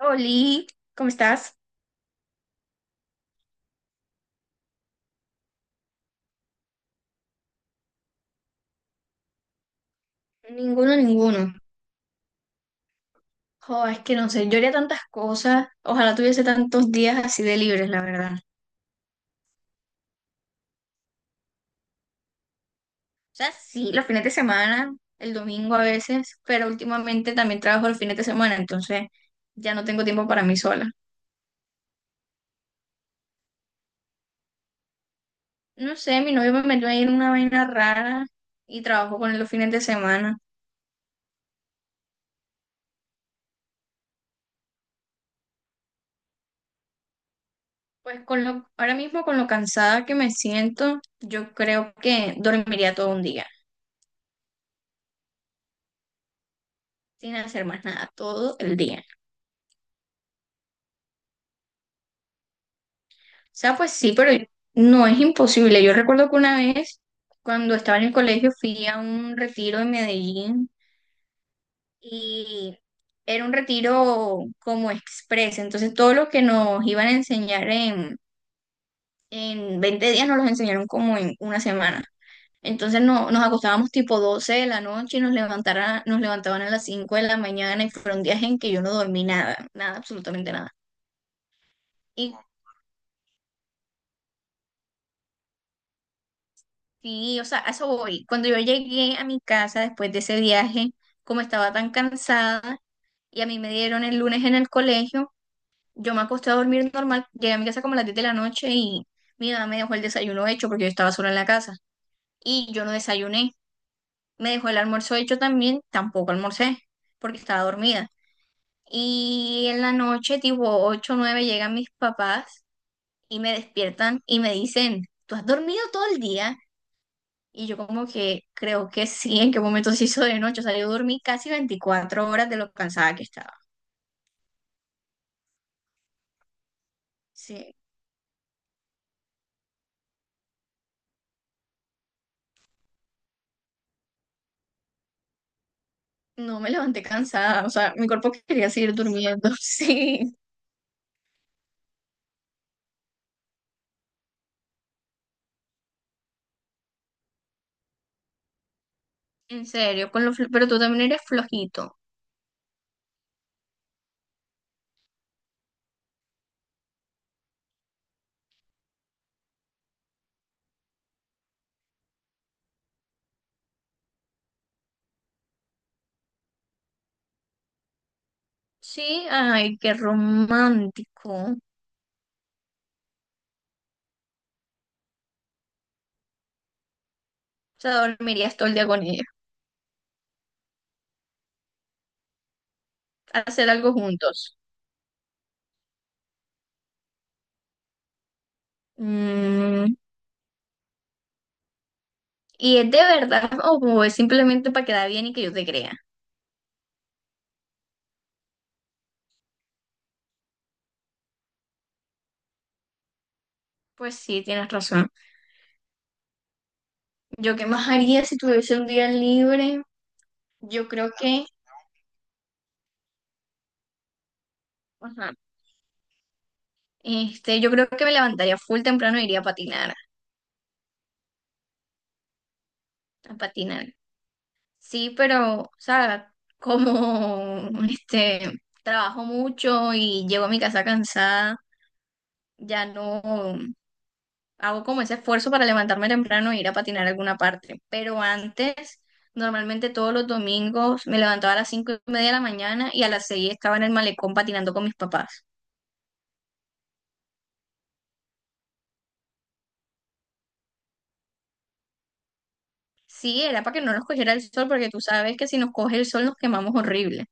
Oli, ¿cómo estás? Ninguno, ninguno. Jo, es que no sé, yo haría tantas cosas. Ojalá tuviese tantos días así de libres, la verdad. O sea, sí, los fines de semana, el domingo a veces, pero últimamente también trabajo los fines de semana, entonces ya no tengo tiempo para mí sola. No sé, mi novio me metió ahí en una vaina rara y trabajo con él los fines de semana. Pues con lo, ahora mismo con lo cansada que me siento, yo creo que dormiría todo un día, sin hacer más nada, todo el día. O sea, pues sí, pero no es imposible. Yo recuerdo que una vez, cuando estaba en el colegio, fui a un retiro en Medellín y era un retiro como express. Entonces, todo lo que nos iban a enseñar en 20 días nos los enseñaron como en una semana. Entonces, no, nos acostábamos tipo 12 de la noche y nos levantaban a las 5 de la mañana y fueron días en que yo no dormí nada, nada, absolutamente nada. Y sí, o sea, a eso voy. Cuando yo llegué a mi casa después de ese viaje, como estaba tan cansada y a mí me dieron el lunes en el colegio, yo me acosté a dormir normal. Llegué a mi casa como a las 10 de la noche y mi mamá me dejó el desayuno hecho porque yo estaba sola en la casa y yo no desayuné. Me dejó el almuerzo hecho también, tampoco almorcé porque estaba dormida. Y en la noche, tipo 8 o 9, llegan mis papás y me despiertan y me dicen, ¿tú has dormido todo el día? Y yo como que creo que sí, en qué momento se hizo de noche. O sea, yo dormí casi 24 horas de lo cansada que estaba. Sí, no me levanté cansada. O sea, mi cuerpo quería seguir durmiendo. Sí, en serio, pero tú también eres flojito. Sí, ay, qué romántico. O sea, dormirías todo el día con ella. Hacer algo juntos. Mm, ¿Y es de verdad o es simplemente para quedar bien y que yo te crea? Pues sí, tienes razón. ¿Yo qué más haría si tuviese un día libre? Yo creo que. Ajá. Este, yo creo que me levantaría full temprano e iría a patinar, a patinar. Sí, pero, o sea, como este, trabajo mucho y llego a mi casa cansada, ya no hago como ese esfuerzo para levantarme temprano e ir a patinar a alguna parte. Pero antes, normalmente todos los domingos me levantaba a las 5:30 de la mañana y a las 6 estaba en el malecón patinando con mis papás. Sí, era para que no nos cogiera el sol, porque tú sabes que si nos coge el sol nos quemamos horrible.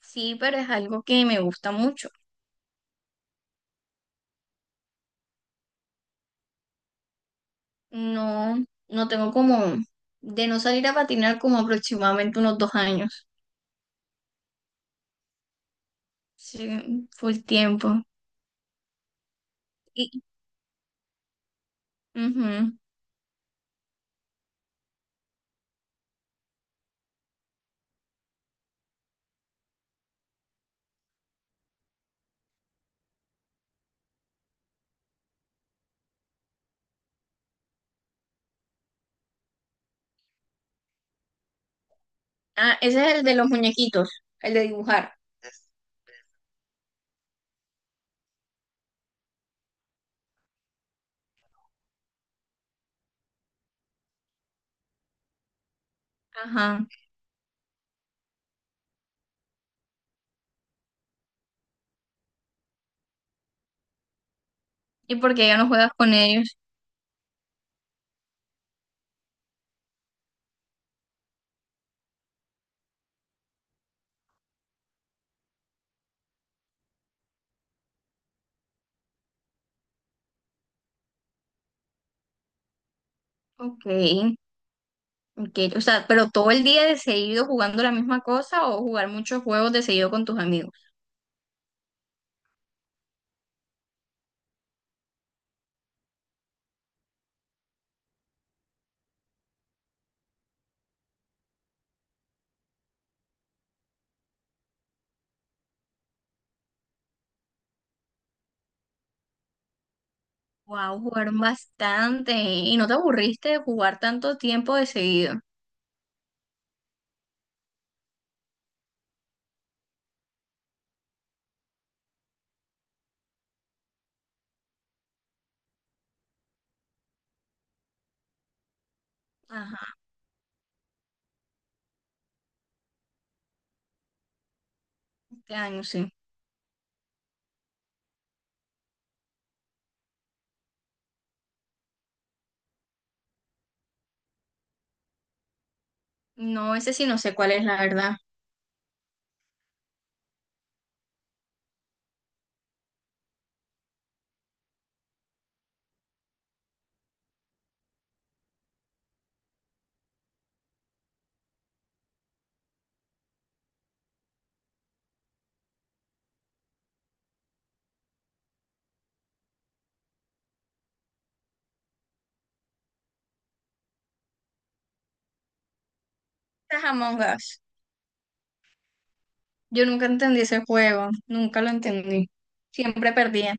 Sí, pero es algo que me gusta mucho. No, no tengo como de no salir a patinar como aproximadamente unos 2 años. Sí, full tiempo. Y, ujú. Ah, ese es el de los muñequitos, el de dibujar. Ajá. ¿Y por qué ya no juegas con ellos? Ok, ok. O sea, pero todo el día de seguido jugando la misma cosa o jugar muchos juegos de seguido con tus amigos. Wow, jugaron bastante. ¿Y no te aburriste de jugar tanto tiempo de seguido? Ajá, este año sí. No, ese sí no sé cuál es la verdad. Ese es Among Us. Yo nunca entendí ese juego, nunca lo entendí. Siempre perdía.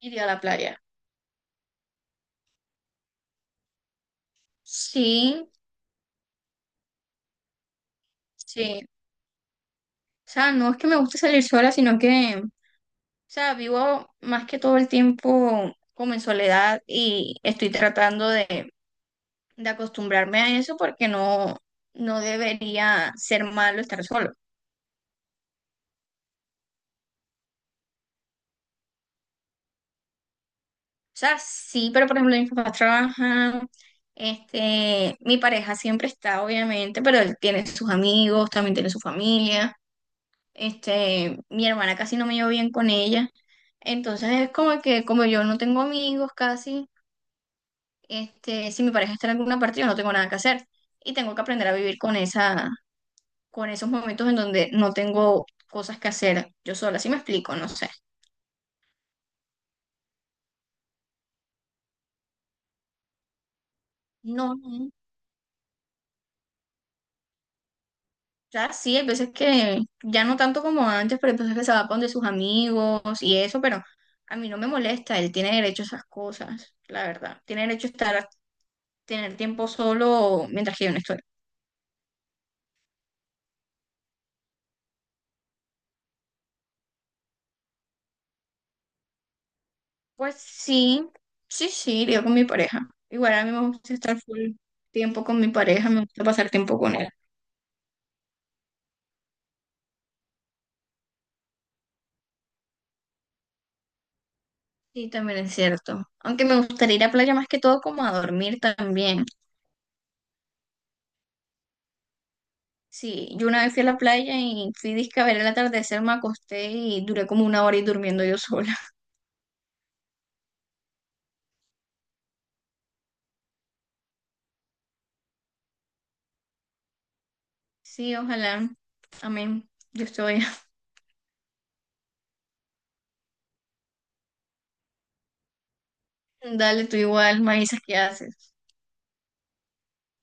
Iría a la playa. Sí, sí. O sea, no es que me guste salir sola, sino que, o sea, vivo más que todo el tiempo como en soledad y estoy tratando de acostumbrarme a eso porque no debería ser malo estar sola. O sea, sí, pero por ejemplo, mis papás trabajan, este, mi pareja siempre está, obviamente, pero él tiene sus amigos, también tiene su familia, este, mi hermana casi no me llevo bien con ella, entonces es como que como yo no tengo amigos casi, este, si mi pareja está en alguna parte, yo no tengo nada que hacer y tengo que aprender a vivir con esa, con esos momentos en donde no tengo cosas que hacer yo sola, ¿si me explico? No sé. No, sea, sí, hay veces que ya no tanto como antes, pero hay veces que se va con de sus amigos y eso, pero a mí no me molesta, él tiene derecho a esas cosas, la verdad. Tiene derecho a estar, a tener tiempo solo mientras que yo no estoy. Pues sí, sí, sí, iría con mi pareja. Igual a mí me gusta estar full tiempo con mi pareja, me gusta pasar tiempo con él. Sí, también es cierto. Aunque me gustaría ir a playa más que todo como a dormir también. Sí, yo una vez fui a la playa y fui disque a ver el atardecer, me acosté y duré como una hora y durmiendo yo sola. Sí, ojalá. Amén. Yo estoy. Dale, tú igual, me avisas qué haces.